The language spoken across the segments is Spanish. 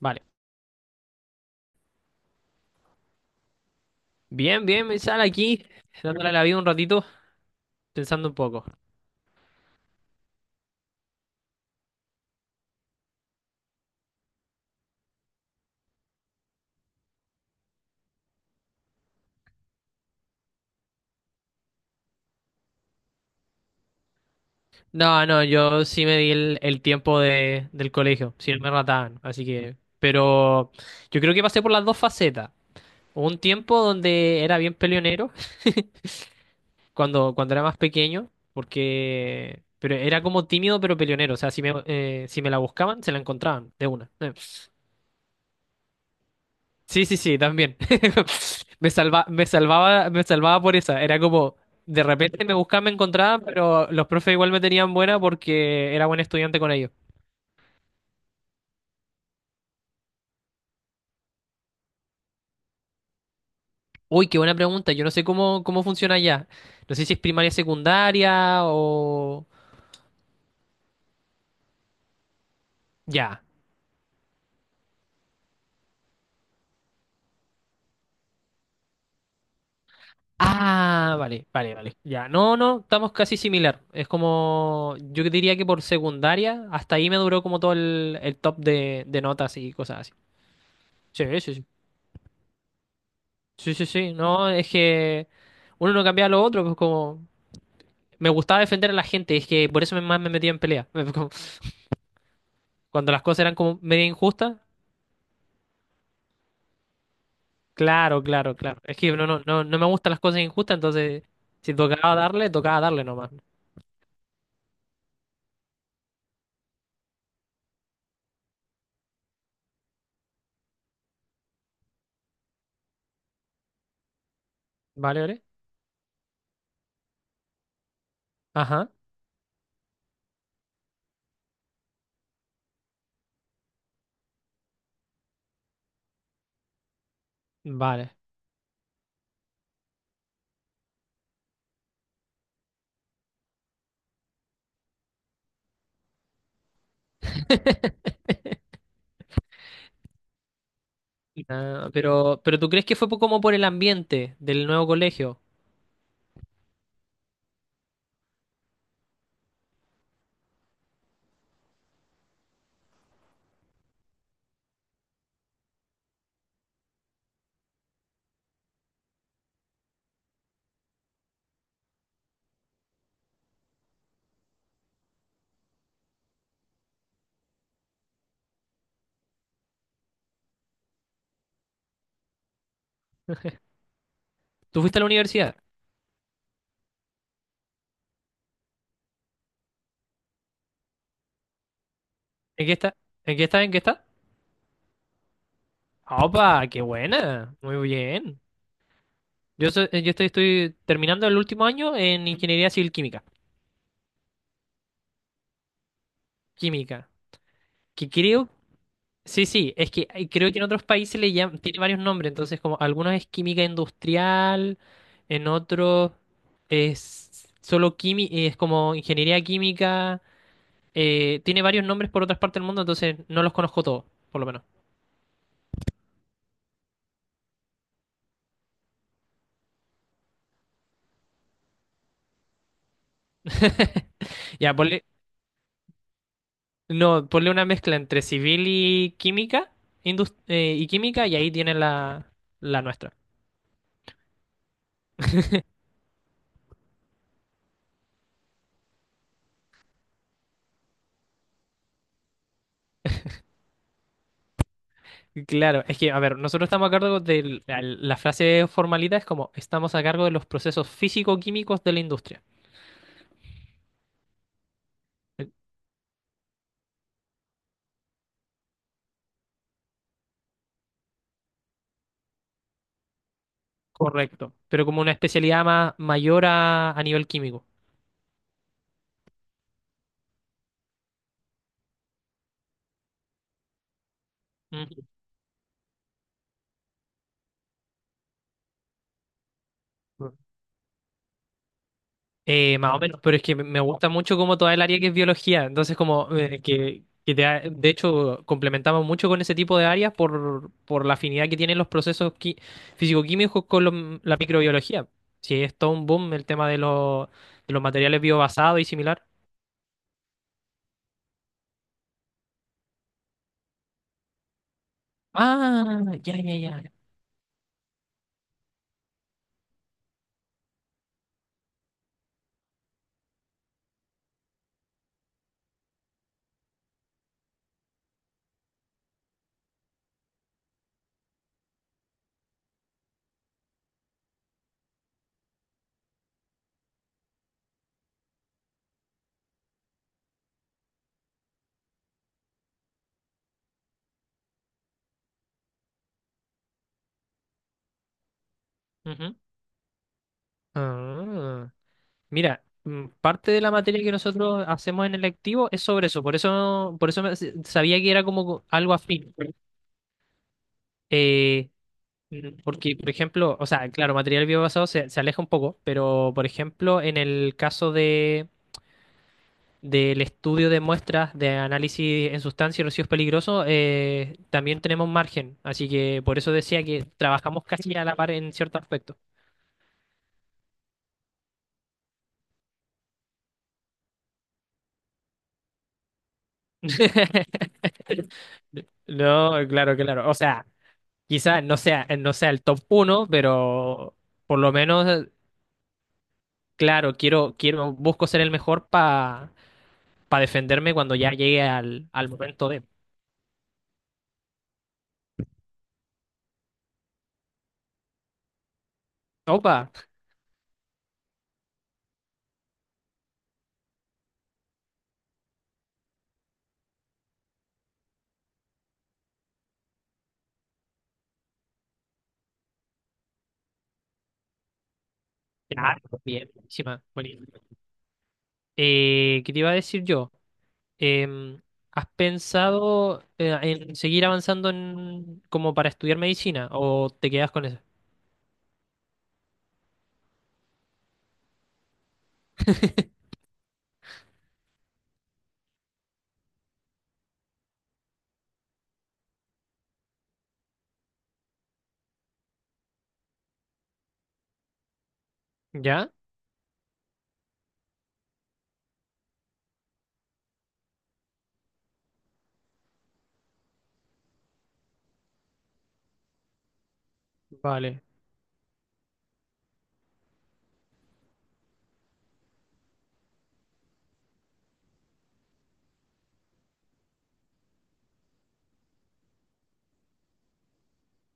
Vale. Bien, bien, me sale aquí, dándole a la vida un ratito, pensando un poco. No, no, yo sí me di el tiempo del colegio, si no me rataban, así que... Pero yo creo que pasé por las dos facetas. Hubo un tiempo donde era bien peleonero, cuando era más pequeño, porque... Pero era como tímido pero peleonero, o sea, si me, si me la buscaban, se la encontraban, de una. Sí, sí, sí, también. Me salvaba por esa. Era como, de repente me buscaba, me encontraba, pero los profes igual me tenían buena porque era buen estudiante con ellos. Uy, qué buena pregunta. Yo no sé cómo funciona ya. No sé si es primaria, secundaria o... Ya. Ah, vale, vale, vale. Ya. No, no, estamos casi similar. Es como, yo diría que por secundaria, hasta ahí me duró como todo el top de notas y cosas así. Sí, sí, sí. Sí, sí, sí, no, es que uno no cambia a lo otro, pues como me gustaba defender a la gente, es que por eso más me metía en pelea. Como, cuando las cosas eran como medio injustas, claro, claro, claro. Es que no, no, no, no me gustan las cosas injustas, entonces si tocaba darle, tocaba darle nomás. ¿Vale, vale? Ajá, vale. Ah, pero ¿tú crees que como por el ambiente del nuevo colegio? ¿Tú fuiste a la universidad? ¿En qué está? ¿En qué está? ¿En qué está? ¡Opa! ¡Qué buena! Muy bien. Yo, yo estoy terminando el último año en ingeniería civil química. Química. Que creo, sí, sí, es que creo que en otros países le llaman, tiene varios nombres, entonces como algunos es química industrial, en otros es solo química, es como ingeniería química, tiene varios nombres por otras partes del mundo, entonces no los conozco todos, por lo menos. Ya, ponle, no, ponle una mezcla entre civil y química, y química, y ahí tiene la, la nuestra. Claro, es que, a ver, nosotros estamos a cargo de la frase formalidad es como estamos a cargo de los procesos físico-químicos de la industria. Correcto. Pero como una especialidad más mayor a nivel químico. Ujú. Más o menos, pero es que me gusta mucho como toda el área que es biología, entonces como de hecho complementamos mucho con ese tipo de áreas por la afinidad que tienen los procesos físico-químicos con la microbiología. Sí, es todo un boom el tema de los materiales biobasados y similar. Ah, ya, ya, ya. Ujú. Ah, mira, parte de la materia que nosotros hacemos en el lectivo es sobre eso, por eso, por eso sabía que era algo afín. Eh, porque, por ejemplo, o sea, claro, material biobasado se aleja un poco, pero por ejemplo, en el caso de del estudio de muestras de análisis en sustancias y residuos peligrosos, también tenemos margen, así que por eso decía que trabajamos casi a la par en cierto aspecto. No, claro, claro. O sea, quizá no sea, no sea el top uno, pero por lo menos, claro, quiero, busco ser el mejor para defenderme cuando ya llegue al, al momento de. Opa, claro, bien, buenísima, buenísima. ¿Qué te iba a decir yo? Em, ¿Has pensado en seguir avanzando en, como para estudiar medicina o te quedas con eso? ¿Ya? Vale,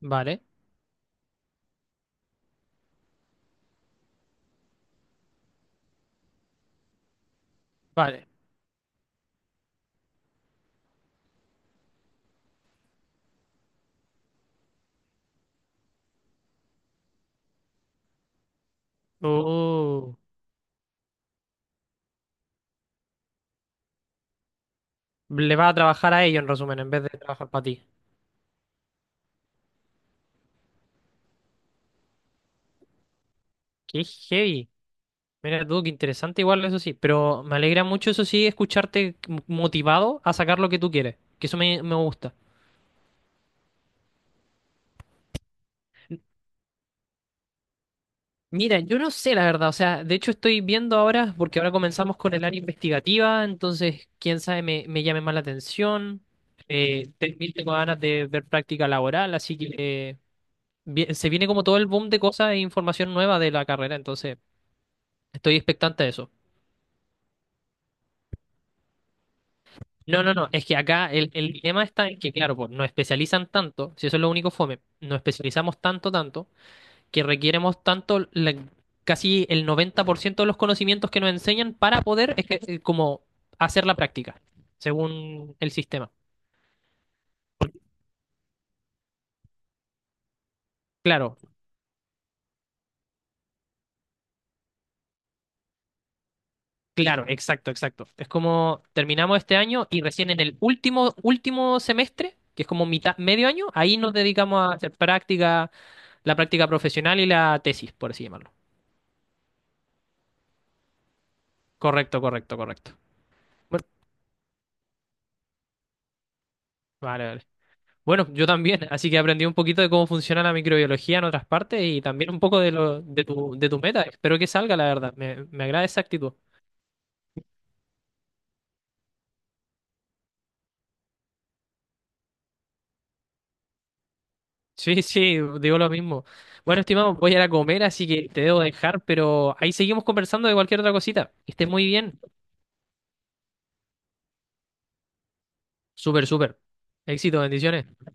vale, vale. Oh. Le vas a trabajar a ellos, en resumen, en vez de trabajar para ti. Qué heavy. Mira tú, qué interesante igual, eso sí. Pero me alegra mucho, eso sí, escucharte motivado a sacar lo que tú quieres. Que eso me gusta. Mira, yo no sé la verdad. O sea, de hecho estoy viendo ahora, porque ahora comenzamos con el área investigativa, entonces, quién sabe, me llame más la atención. Tengo ganas de ver práctica laboral, así que eh, se viene como todo el boom de cosas e información nueva de la carrera, entonces estoy expectante de eso. No, no, no, es que acá el dilema está en que, claro, pues nos especializan tanto, si eso es lo único fome, nos especializamos tanto, tanto, que requieremos tanto, casi el 90% de los conocimientos que nos enseñan para poder, es que, hacer la práctica, según el sistema. Claro, claro, exacto, exacto. Es como terminamos este año y recién en el último semestre, que es como medio año, ahí nos dedicamos a hacer práctica, la práctica profesional y la tesis, por así llamarlo. Correcto, correcto, correcto. Vale, vale. Bueno, yo también, así que aprendí un poquito de cómo funciona la microbiología en otras partes y también un poco de lo, de tu meta. Espero que salga, la verdad. Me agrada esa actitud. Sí, sí, digo lo mismo. Bueno, estimado, voy a ir a comer, así que te debo dejar, pero ahí seguimos conversando de cualquier otra cosita. Que estés muy bien. Súper, súper. Éxito, bendiciones.